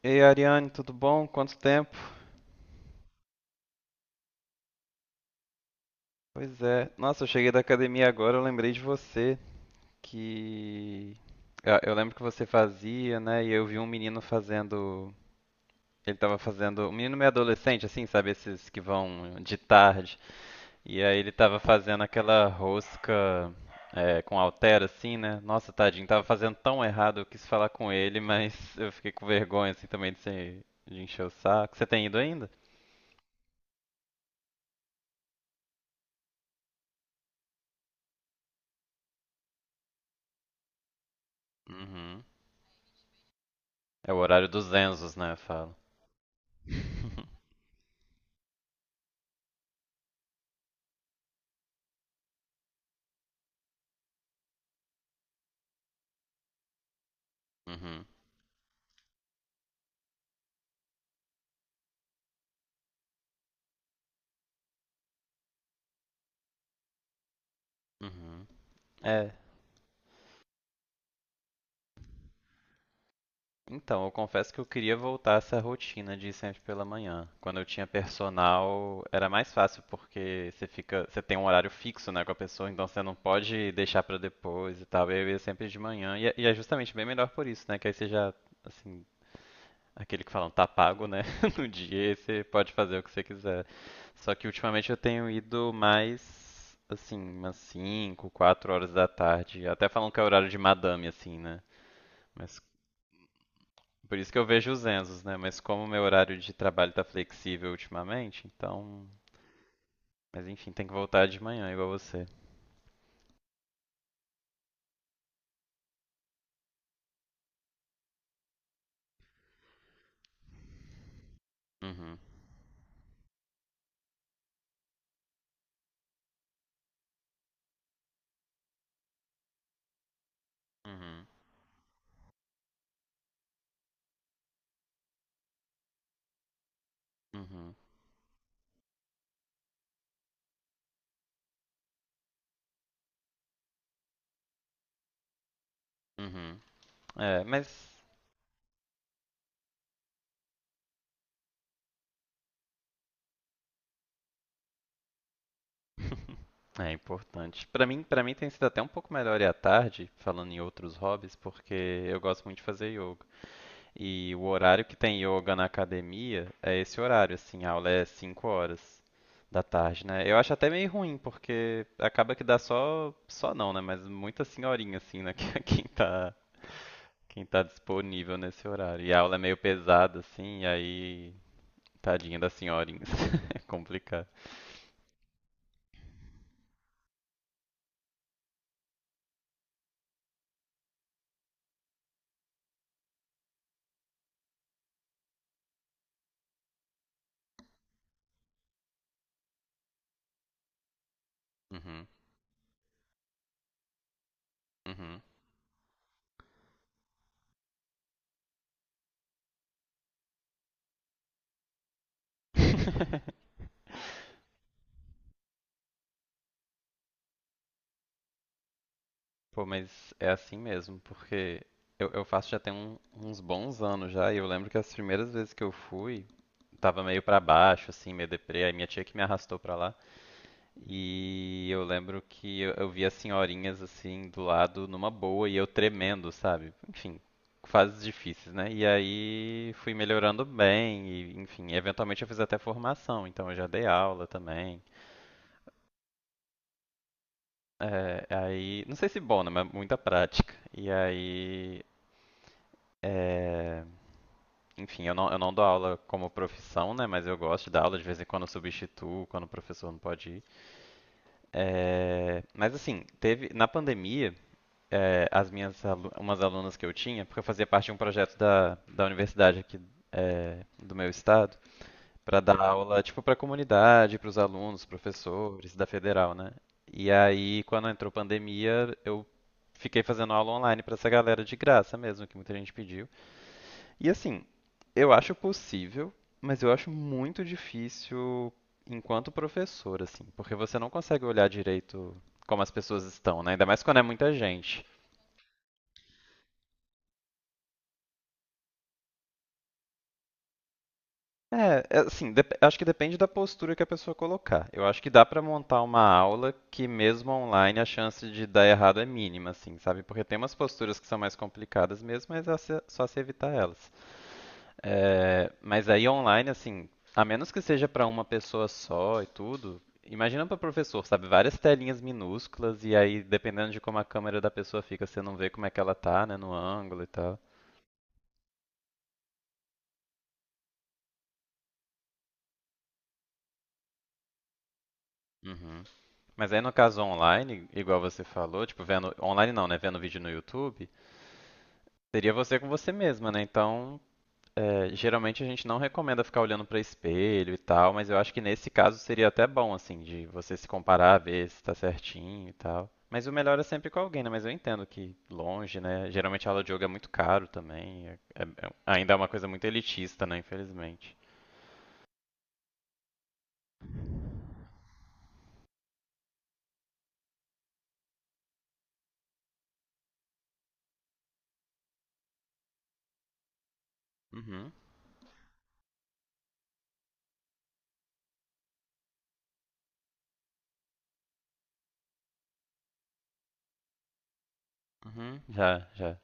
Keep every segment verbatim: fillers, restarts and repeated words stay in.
Ei, Ariane, tudo bom? Quanto tempo? Pois é. Nossa, eu cheguei da academia agora, eu lembrei de você, que eu eu lembro que você fazia, né? E eu vi um menino fazendo, ele tava fazendo, um menino meio adolescente assim, sabe, esses que vão de tarde. E aí ele tava fazendo aquela rosca é, com altera assim, né? Nossa, tadinho, tava fazendo tão errado, eu quis falar com ele, mas eu fiquei com vergonha assim também de, ser, de encher o saco. Você tem ido ainda? Uhum. É o horário dos Enzos, né? Fala. Uhum, uhum. É, então, eu confesso que eu queria voltar a essa rotina de ir sempre pela manhã. Quando eu tinha personal, era mais fácil porque você fica, você tem um horário fixo, né, com a pessoa, então você não pode deixar pra depois e tal. Eu ia sempre de manhã e é, e é justamente bem melhor por isso, né, que aí você já, assim, aquele que falam, tá pago, né? No dia, e você pode fazer o que você quiser. Só que ultimamente eu tenho ido mais, assim, umas cinco quatro horas da tarde. Até falam que é horário de madame, assim, né? Mas por isso que eu vejo os Enzos, né? Mas como o meu horário de trabalho tá flexível ultimamente, então. Mas enfim, tem que voltar de manhã, igual você. Uhum, uhum, uhum, uhum. É, mas. É importante. Pra mim, para mim tem sido até um pouco melhor ir à tarde, falando em outros hobbies, porque eu gosto muito de fazer yoga. E o horário que tem yoga na academia é esse horário, assim, a aula é cinco horas da tarde, né? Eu acho até meio ruim, porque acaba que dá só, só não, né? Mas muita senhorinha, assim, né? Que- Quem tá, quem tá disponível nesse horário. E a aula é meio pesada, assim, e aí, tadinha das senhorinhas. É complicado. Uhum, uhum. Pô, mas é assim mesmo, porque eu, eu faço já tem um- uns bons anos já, e eu lembro que as primeiras vezes que eu fui, tava meio pra baixo, assim, meio deprê, aí minha tia que me arrastou pra lá, e eu lembro que eu, eu vi as senhorinhas, assim, do lado, numa boa, e eu tremendo, sabe? Enfim, fases difíceis, né? E aí fui melhorando bem, e enfim, eventualmente eu fiz até formação, então eu já dei aula também. É, aí, não sei se bom, né? Mas muita prática. E aí, é, enfim, eu não, eu não dou aula como profissão, né? Mas eu gosto de dar aula, de vez em quando eu substituo, quando o professor não pode ir. É, mas assim, teve na pandemia, é, as minhas alu- umas alunas que eu tinha, porque eu fazia parte de um projeto da, da universidade aqui é, do meu estado, para dar aula tipo para a comunidade, para os alunos, professores da federal, né? E aí, quando entrou pandemia, eu fiquei fazendo aula online para essa galera de graça mesmo, que muita gente pediu. E assim, eu acho possível, mas eu acho muito difícil enquanto professor, assim, porque você não consegue olhar direito como as pessoas estão, né? Ainda mais quando é muita gente. É, é, assim, dep- acho que depende da postura que a pessoa colocar. Eu acho que dá pra montar uma aula que mesmo online a chance de dar errado é mínima, assim, sabe? Porque tem umas posturas que são mais complicadas mesmo, mas é só se evitar elas. É, mas aí online, assim, a menos que seja para uma pessoa só e tudo, imagina para professor, sabe? Várias telinhas minúsculas e aí, dependendo de como a câmera da pessoa fica, você não vê como é que ela tá, né, no ângulo e tal. Uhum. Mas aí no caso online, igual você falou, tipo, vendo. Online não, né? Vendo vídeo no YouTube, seria você com você mesma, né? Então é, geralmente a gente não recomenda ficar olhando para espelho e tal, mas eu acho que nesse caso seria até bom, assim, de você se comparar, ver se está certinho e tal. Mas o melhor é sempre com alguém, né? Mas eu entendo que longe, né? Geralmente a aula de yoga é muito caro também, é- é- é- ainda é uma coisa muito elitista, né? Infelizmente. Uhum, uhum, já, já.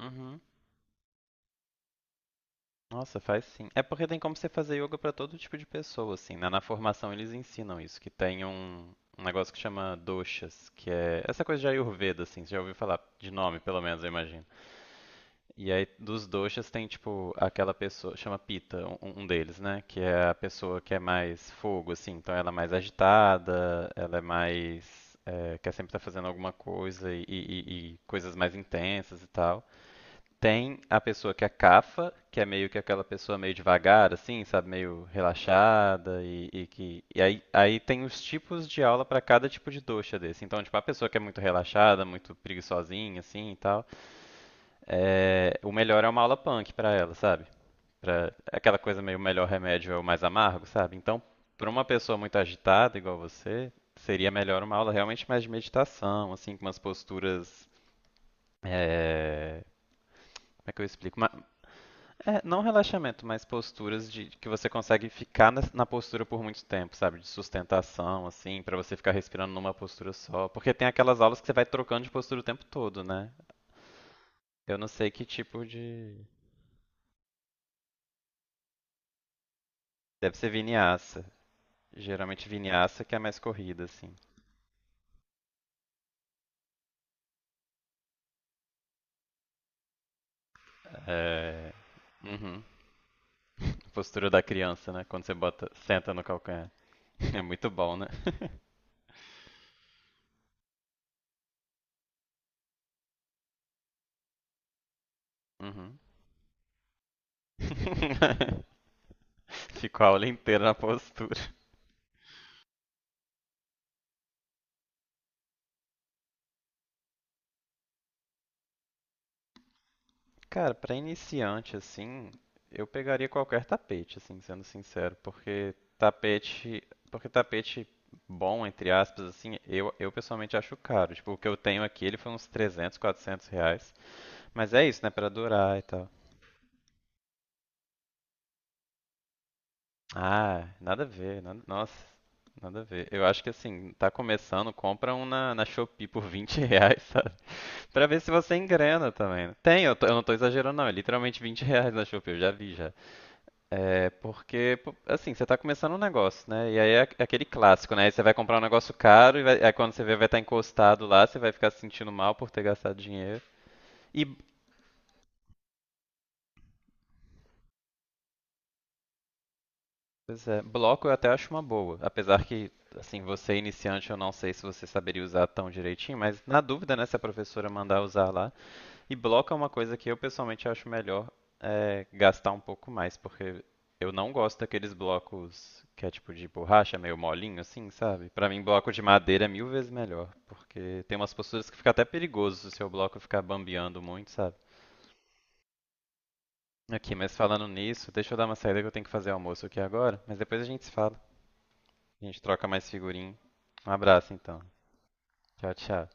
Uhum. Nossa, faz sim. É porque tem como você fazer yoga pra todo tipo de pessoa, assim, né? Na formação eles ensinam isso, que tem um, um negócio que chama doshas, que é essa coisa de Ayurveda, assim, você já ouviu falar de nome, pelo menos, eu imagino. E aí dos doshas tem, tipo, aquela pessoa, chama Pita, um, um um deles, né? Que é a pessoa que é mais fogo, assim, então ela é mais agitada, ela é mais... É, quer sempre estar fazendo alguma coisa e, e- e- e coisas mais intensas e tal. Tem a pessoa que é cafa, que é meio que aquela pessoa meio devagar, assim, sabe, meio relaxada e, e que e aí, aí tem os tipos de aula para cada tipo de doxa desse. Então, tipo, a pessoa que é muito relaxada, muito preguiçosinha, assim e tal, é, o melhor é uma aula punk para ela, sabe? Pra, é aquela coisa meio melhor remédio é o mais amargo, sabe? Então, para uma pessoa muito agitada igual você, seria melhor uma aula realmente mais de meditação, assim, com umas posturas é, como é que eu explico? Ma- é, não relaxamento, mas posturas de que você consegue ficar nas- na, postura por muito tempo, sabe? De sustentação, assim, pra você ficar respirando numa postura só. Porque tem aquelas aulas que você vai trocando de postura o tempo todo, né? Eu não sei que tipo de. Deve ser vinyasa. Geralmente vinyasa que é mais corrida, assim. É. Uhum. Postura da criança, né? Quando você bota, senta no calcanhar. É muito bom, né? Uhum. Ficou a aula inteira na postura. Cara, pra iniciante assim, eu pegaria qualquer tapete, assim, sendo sincero, porque tapete, porque tapete bom, entre aspas, assim, eu, eu pessoalmente acho caro. Tipo, o que eu tenho aqui, ele foi uns trezentos, quatrocentos reais, mas é isso, né, pra durar e tal. Ah, nada a ver, nada- nossa, nada a ver. Eu acho que assim, tá começando, compra um na, na Shopee por vinte reais, sabe? Pra ver se você engrena também, né? Tem, eu, tô- eu não tô exagerando não, é literalmente vinte reais na Shopee, eu já vi já. É porque, pô, assim, você tá começando um negócio, né? E aí é é aquele clássico, né? Aí você vai comprar um negócio caro e vai- aí quando você vê vai estar encostado lá, você vai ficar se sentindo mal por ter gastado dinheiro. E, pois é, bloco eu até acho uma boa. Apesar que, assim, você é iniciante, eu não sei se você saberia usar tão direitinho, mas na dúvida, né? Se a professora mandar usar lá, e bloco é uma coisa que eu pessoalmente acho melhor é, gastar um pouco mais, porque eu não gosto daqueles blocos que é tipo de borracha, meio molinho assim, sabe? Pra mim, bloco de madeira é mil vezes melhor, porque tem umas posturas que fica até perigoso se o seu bloco ficar bambeando muito, sabe? Aqui, mas falando nisso, deixa eu dar uma saída que eu tenho que fazer almoço aqui agora, mas depois a gente se fala. A gente troca mais figurinha. Um abraço então. Tchau, tchau.